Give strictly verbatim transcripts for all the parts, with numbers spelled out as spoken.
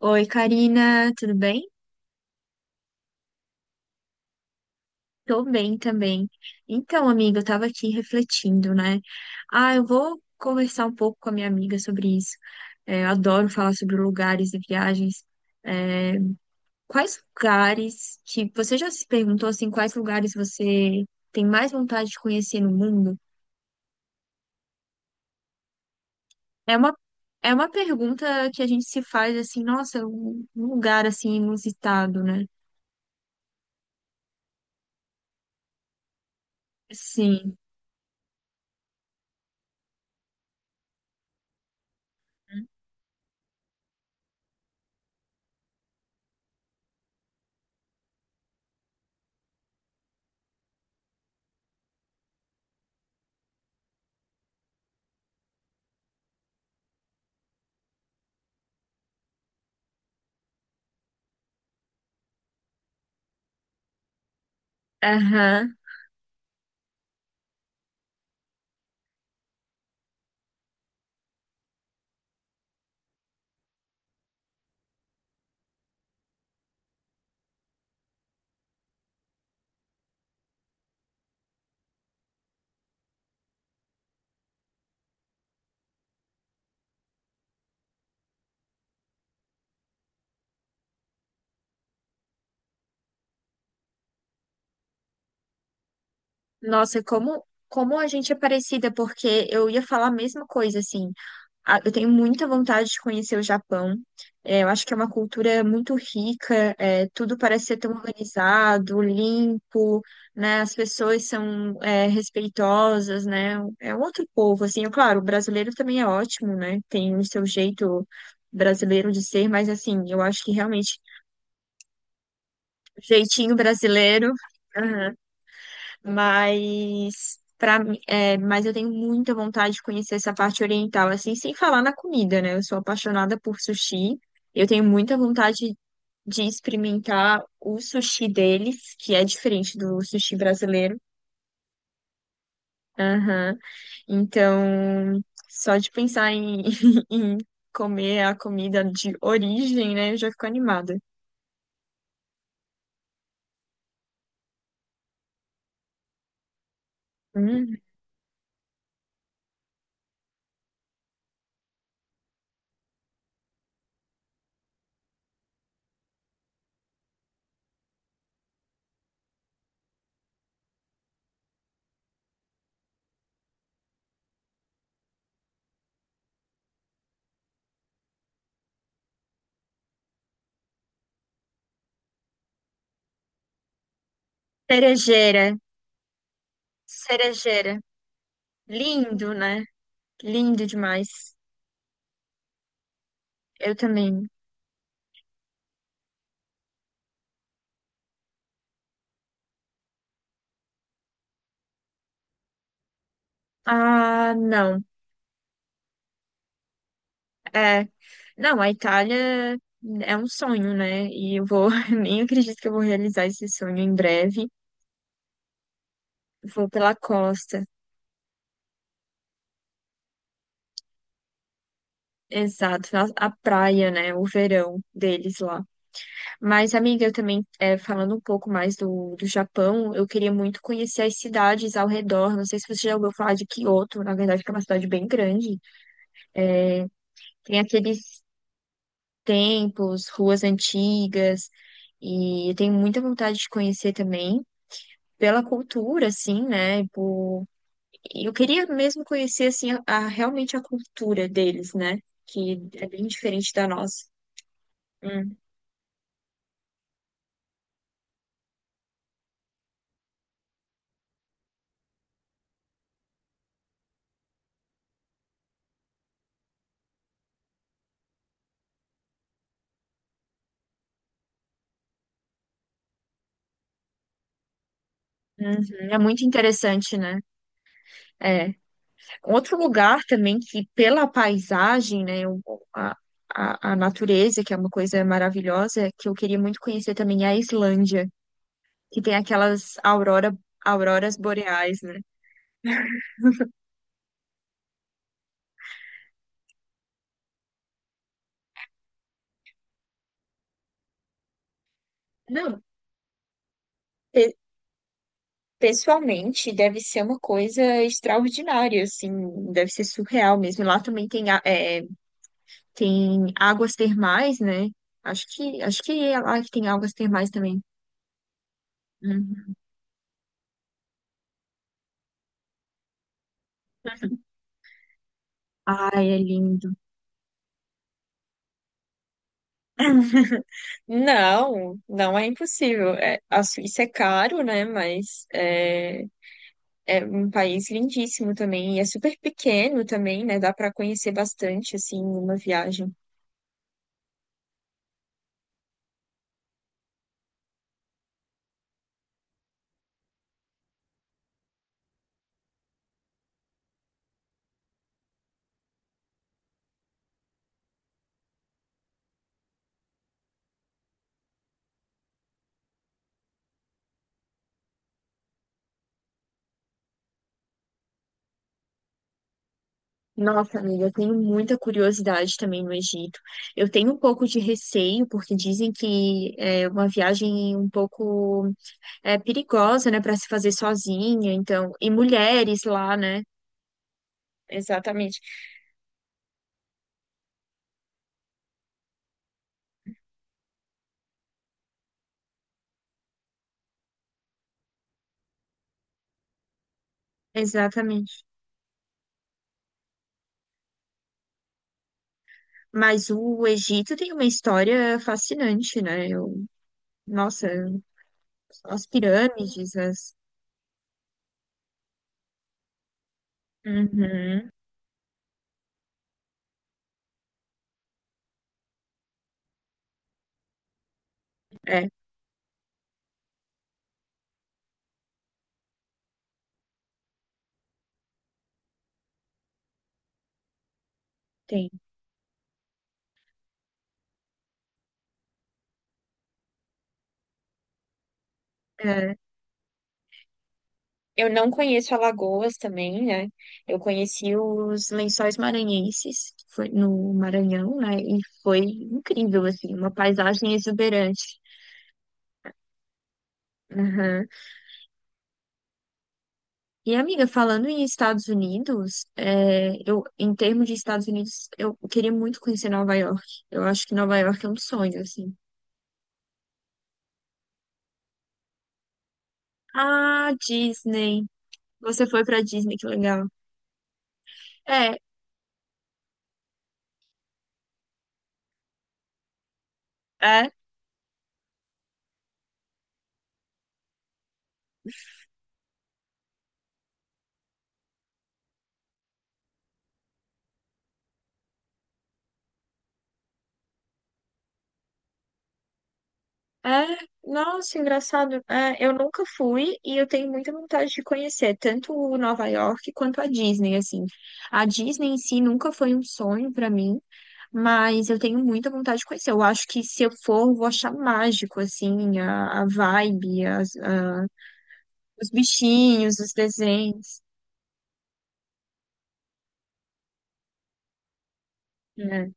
Oi, Karina, tudo bem? Tô bem também. Então, amiga, eu tava aqui refletindo, né? Ah, eu vou conversar um pouco com a minha amiga sobre isso. É, eu adoro falar sobre lugares e viagens. É, quais lugares que você já se perguntou assim, quais lugares você tem mais vontade de conhecer no mundo? É uma, é uma pergunta que a gente se faz assim, nossa, um um lugar assim inusitado, né? Sim. Aham. Nossa, como, como a gente é parecida, porque eu ia falar a mesma coisa, assim. A- Eu tenho muita vontade de conhecer o Japão. É, eu acho que é uma cultura muito rica, é, tudo parece ser tão organizado, limpo, né? As pessoas são, é, respeitosas, né? É um outro povo, assim. Eu, claro, o brasileiro também é ótimo, né? Tem o seu jeito brasileiro de ser, mas, assim, eu acho que realmente o jeitinho brasileiro. Mas para é, mas eu tenho muita vontade de conhecer essa parte oriental, assim, sem falar na comida, né? Eu sou apaixonada por sushi. Eu tenho muita vontade de experimentar o sushi deles, que é diferente do sushi brasileiro. Aham. Então, só de pensar em, em comer a comida de origem, né? Eu já fico animada. Hum. Cerejeira, cerejeira. Lindo, né? Lindo demais. Eu também. Ah, não. É. Não, a Itália é um sonho, né? E eu vou, nem acredito que eu vou realizar esse sonho em breve. Vou pela costa. Exato, a a praia, né? O verão deles lá. Mas, amiga, eu também, é, falando um pouco mais do, do Japão, eu queria muito conhecer as cidades ao redor. Não sei se você já ouviu falar de Kyoto, na verdade, que é uma cidade bem grande. É, tem aqueles templos, ruas antigas, e eu tenho muita vontade de conhecer também pela cultura, assim, né? e Por... e Eu queria mesmo conhecer, assim, a, a- realmente a cultura deles, né? Que é bem diferente da nossa. Hum, uhum. É muito interessante, né? É. Outro lugar também que, pela paisagem, né? o- A, a, a natureza, que é uma coisa maravilhosa, que eu queria muito conhecer também, é a Islândia, que tem aquelas aurora, auroras boreais, né? Não, pe- pessoalmente deve ser uma coisa extraordinária, assim, deve ser surreal mesmo. Lá também tem, a- é, tem águas termais, né? Acho que, acho que é lá que tem águas termais também. Uhum. Ai, é lindo. Não, não é impossível. É, a Suíça é caro, né? Mas é, é um país lindíssimo também. E é super pequeno também, né? Dá para conhecer bastante, assim, numa viagem. Nossa, amiga, eu tenho muita curiosidade também no Egito. Eu tenho um pouco de receio, porque dizem que é uma viagem um pouco é, perigosa, né, para se fazer sozinha, então, e mulheres lá, né? Exatamente. Exatamente. Mas o Egito tem uma história fascinante, né? Eu, nossa, as pirâmides, as... Uhum, é, tem. É. Eu não conheço Alagoas também, né? Eu conheci os Lençóis Maranhenses, que foi no Maranhão, né? E foi incrível, assim, uma paisagem exuberante. Aham. E, amiga, falando em Estados Unidos, é, eu, em termos de Estados Unidos, eu queria muito conhecer Nova York. Eu acho que Nova York é um sonho, assim. Ah, Disney. Você foi pra Disney, que legal. É, é. É, nossa, engraçado. É, eu nunca fui e eu tenho muita vontade de conhecer tanto o Nova York quanto a Disney, assim. A Disney em si nunca foi um sonho pra mim, mas eu tenho muita vontade de conhecer. Eu acho que se eu for, eu vou achar mágico, assim, a, a vibe, as- a- os bichinhos, os desenhos, né?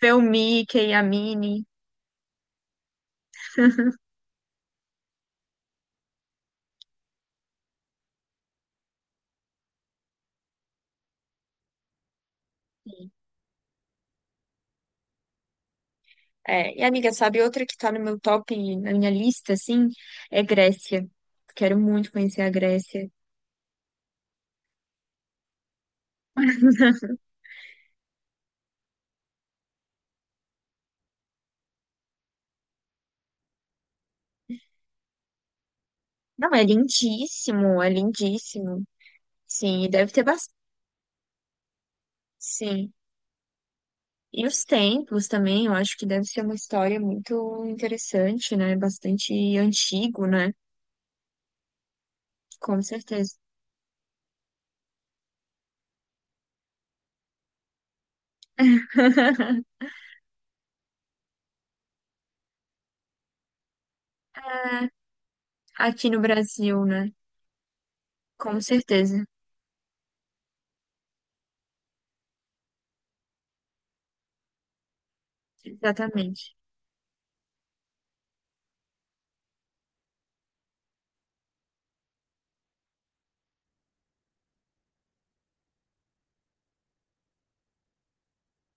Ver o Mickey, a Minnie. É, e amiga, sabe outra que tá no meu top, na minha lista, assim, é Grécia. Quero muito conhecer a Grécia. Não, é lindíssimo, é lindíssimo. Sim, e deve ter bastante. Sim. E os templos também, eu acho que deve ser uma história muito interessante, né? Bastante antigo, né? Com certeza. É, aqui no Brasil, né? Com certeza. Exatamente.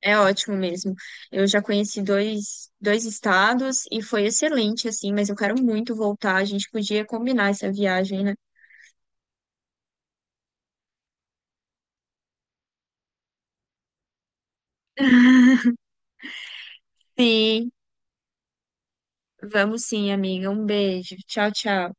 É ótimo mesmo. Eu já conheci dois, dois estados e foi excelente, assim, mas eu quero muito voltar. A gente podia combinar essa viagem, né? Sim. Vamos sim, amiga. Um beijo. Tchau, tchau.